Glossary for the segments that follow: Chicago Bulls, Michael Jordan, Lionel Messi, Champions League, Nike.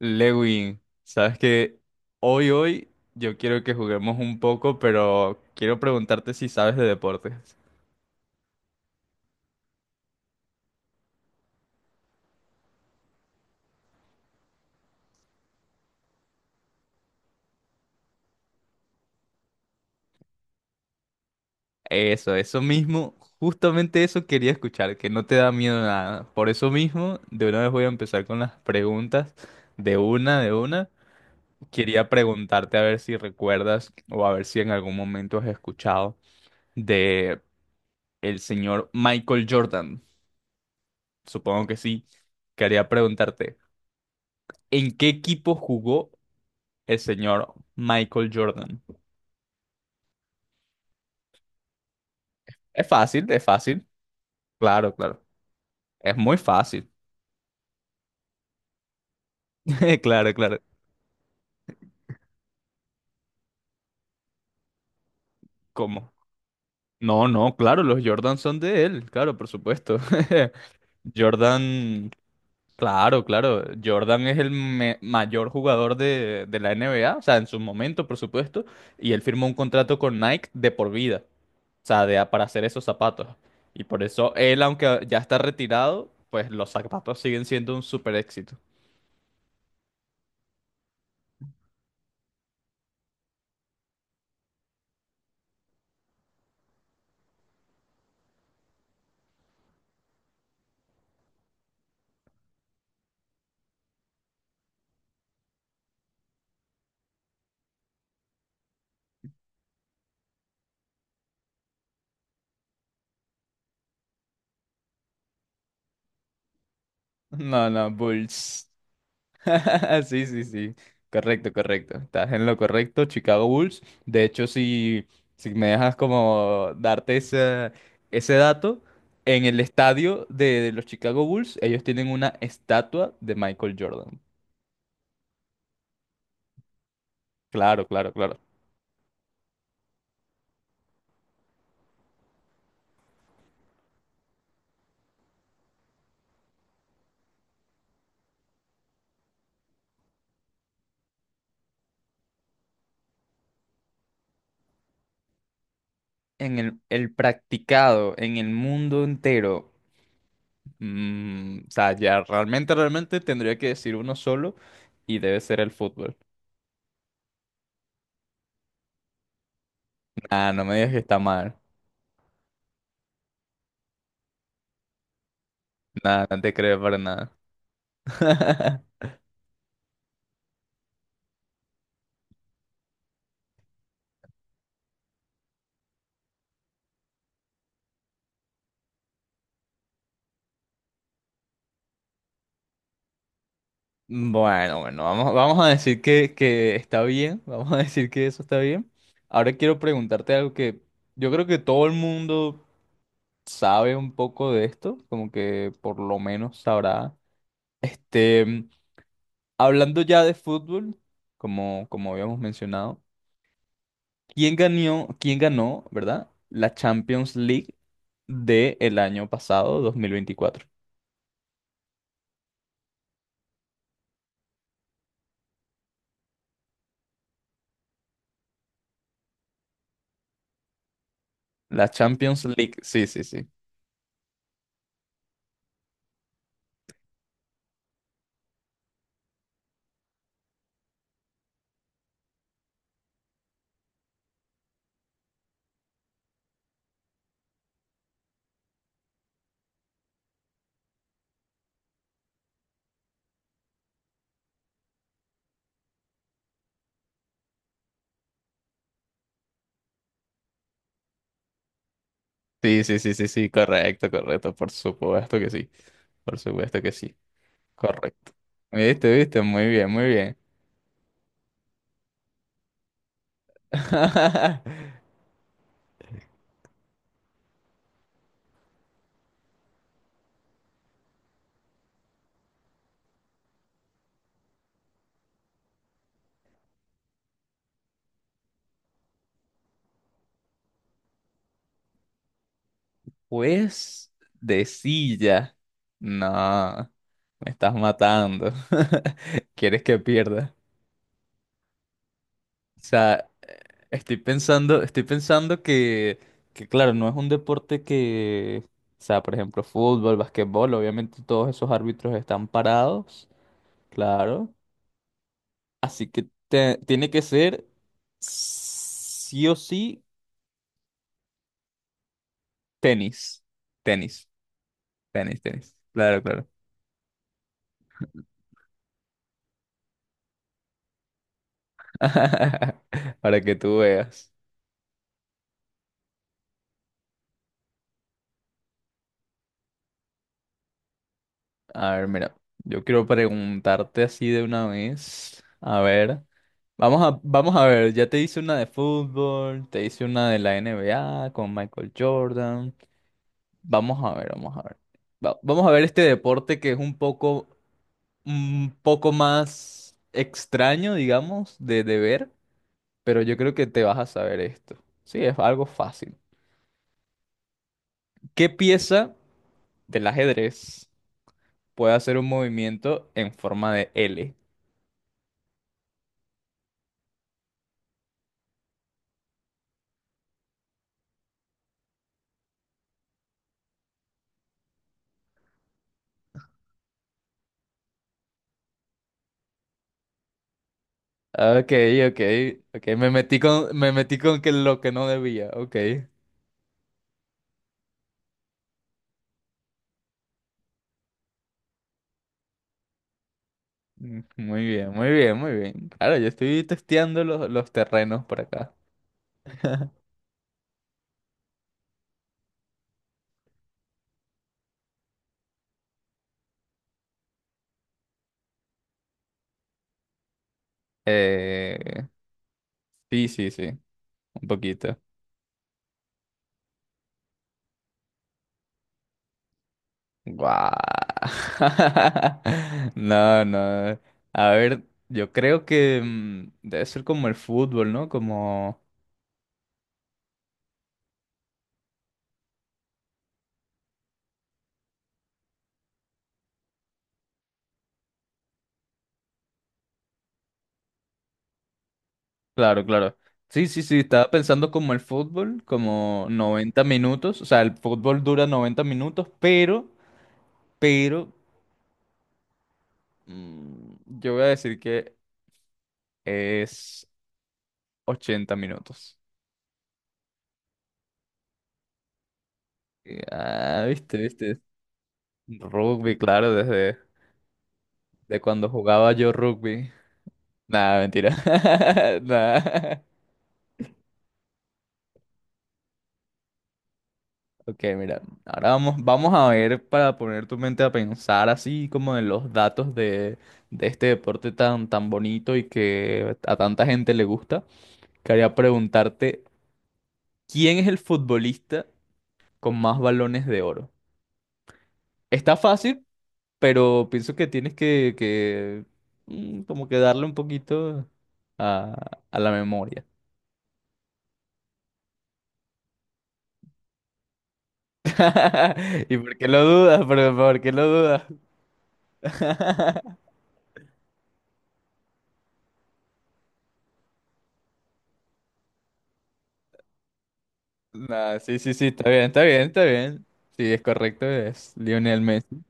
Lewin, sabes que hoy yo quiero que juguemos un poco, pero quiero preguntarte si sabes de deportes. Eso mismo, justamente eso quería escuchar, que no te da miedo nada. Por eso mismo, de una vez voy a empezar con las preguntas, de una, de una. Quería preguntarte a ver si recuerdas o a ver si en algún momento has escuchado de el señor Michael Jordan. Supongo que sí. Quería preguntarte. ¿En qué equipo jugó el señor Michael Jordan? Es fácil, es fácil. Claro, claro. Es muy fácil. Claro, claro. ¿Cómo? No, no, claro, los Jordan son de él. Claro, por supuesto. Jordan, claro, claro. Jordan es el mayor jugador de la NBA, o sea, en su momento, por supuesto. Y él firmó un contrato con Nike de por vida, o sea, de, para hacer esos zapatos. Y por eso él, aunque ya está retirado, pues los zapatos siguen siendo un super éxito. No, no, Bulls. Sí, sí, sí. Correcto, correcto. Estás en lo correcto, Chicago Bulls. De hecho, si, si me dejas como darte ese, ese dato, en el estadio de los Chicago Bulls, ellos tienen una estatua de Michael Jordan. Claro, claro, claro. En el practicado, en el mundo entero. O sea, ya realmente, realmente tendría que decir uno solo y debe ser el fútbol. Ah, no me digas que está mal. Nada, no te creo para nada. Bueno, bueno, vamos, vamos a decir que está bien, vamos a decir que eso está bien. Ahora quiero preguntarte algo que yo creo que todo el mundo sabe un poco de esto, como que por lo menos sabrá. Este, Hablando ya de fútbol, como, como habíamos mencionado, quién ganó, verdad, la Champions League del año pasado, 2024? La Champions League, sí, sí, sí. Sí, sí, sí, sí, sí, correcto, correcto, por supuesto que sí, por supuesto que sí, correcto. Viste, viste, muy bien, muy bien. Pues de silla. No, me estás matando. ¿Quieres que pierda? O sea, estoy pensando que claro, no es un deporte que, o sea, por ejemplo, fútbol, basquetbol, obviamente todos esos árbitros están parados, claro. Así que tiene que ser sí o sí tenis. Tenis, tenis, tenis. Claro, claro. Para que tú veas. A ver, mira, yo quiero preguntarte así de una vez. A ver, vamos a, vamos a ver, ya te hice una de fútbol, te hice una de la NBA con Michael Jordan. Vamos a ver, vamos a ver. Vamos a ver este deporte que es un poco más extraño, digamos, de ver. Pero yo creo que te vas a saber esto. Sí, es algo fácil. ¿Qué pieza del ajedrez puede hacer un movimiento en forma de L? Ok, ok, ok, me metí con que lo que no debía, ok. Muy bien, muy bien, muy bien. Claro, yo estoy testeando los terrenos por acá. Eh, sí, sí, sí, un poquito. Guau. No, no. A ver, yo creo que debe ser como el fútbol, ¿no? Como... Claro, claro. Sí, sí, sí, estaba pensando como el fútbol, como 90 minutos. O sea, el fútbol dura 90 minutos, pero, yo voy a decir que es 80 minutos. Y, ah, viste, viste. Rugby, claro, desde de cuando jugaba yo rugby. Nada, mentira. Nah. Ok, mira, ahora vamos, vamos a ver para poner tu mente a pensar así como en los datos de este deporte tan, tan bonito y que a tanta gente le gusta. Quería preguntarte, ¿quién es el futbolista con más balones de oro? Está fácil, pero pienso que tienes que, como que darle un poquito a la memoria. ¿Y por qué lo dudas? Por qué lo dudas? Nah, sí, sí, sí, está bien, está bien, está bien. Sí, es correcto, es Lionel Messi.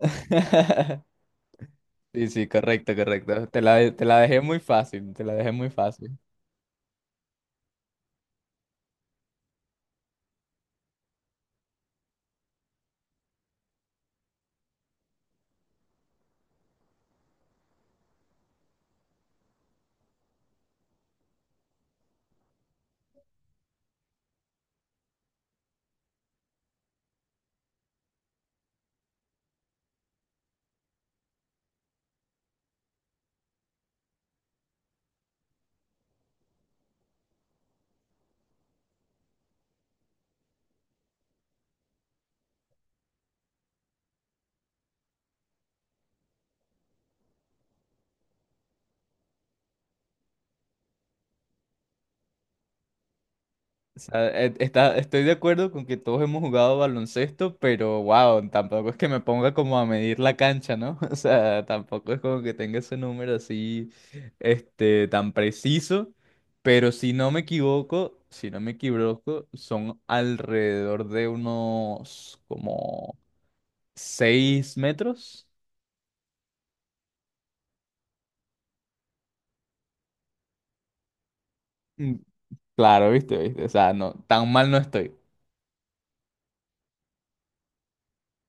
Sí, sí, correcto, correcto. Te la dejé muy fácil, te la dejé muy fácil. O sea, está, estoy de acuerdo con que todos hemos jugado baloncesto, pero wow, tampoco es que me ponga como a medir la cancha, ¿no? O sea, tampoco es como que tenga ese número así, este, tan preciso. Pero si no me equivoco, si no me equivoco, son alrededor de unos como 6 metros. Mm, Claro, viste, viste. O sea, no, tan mal no estoy.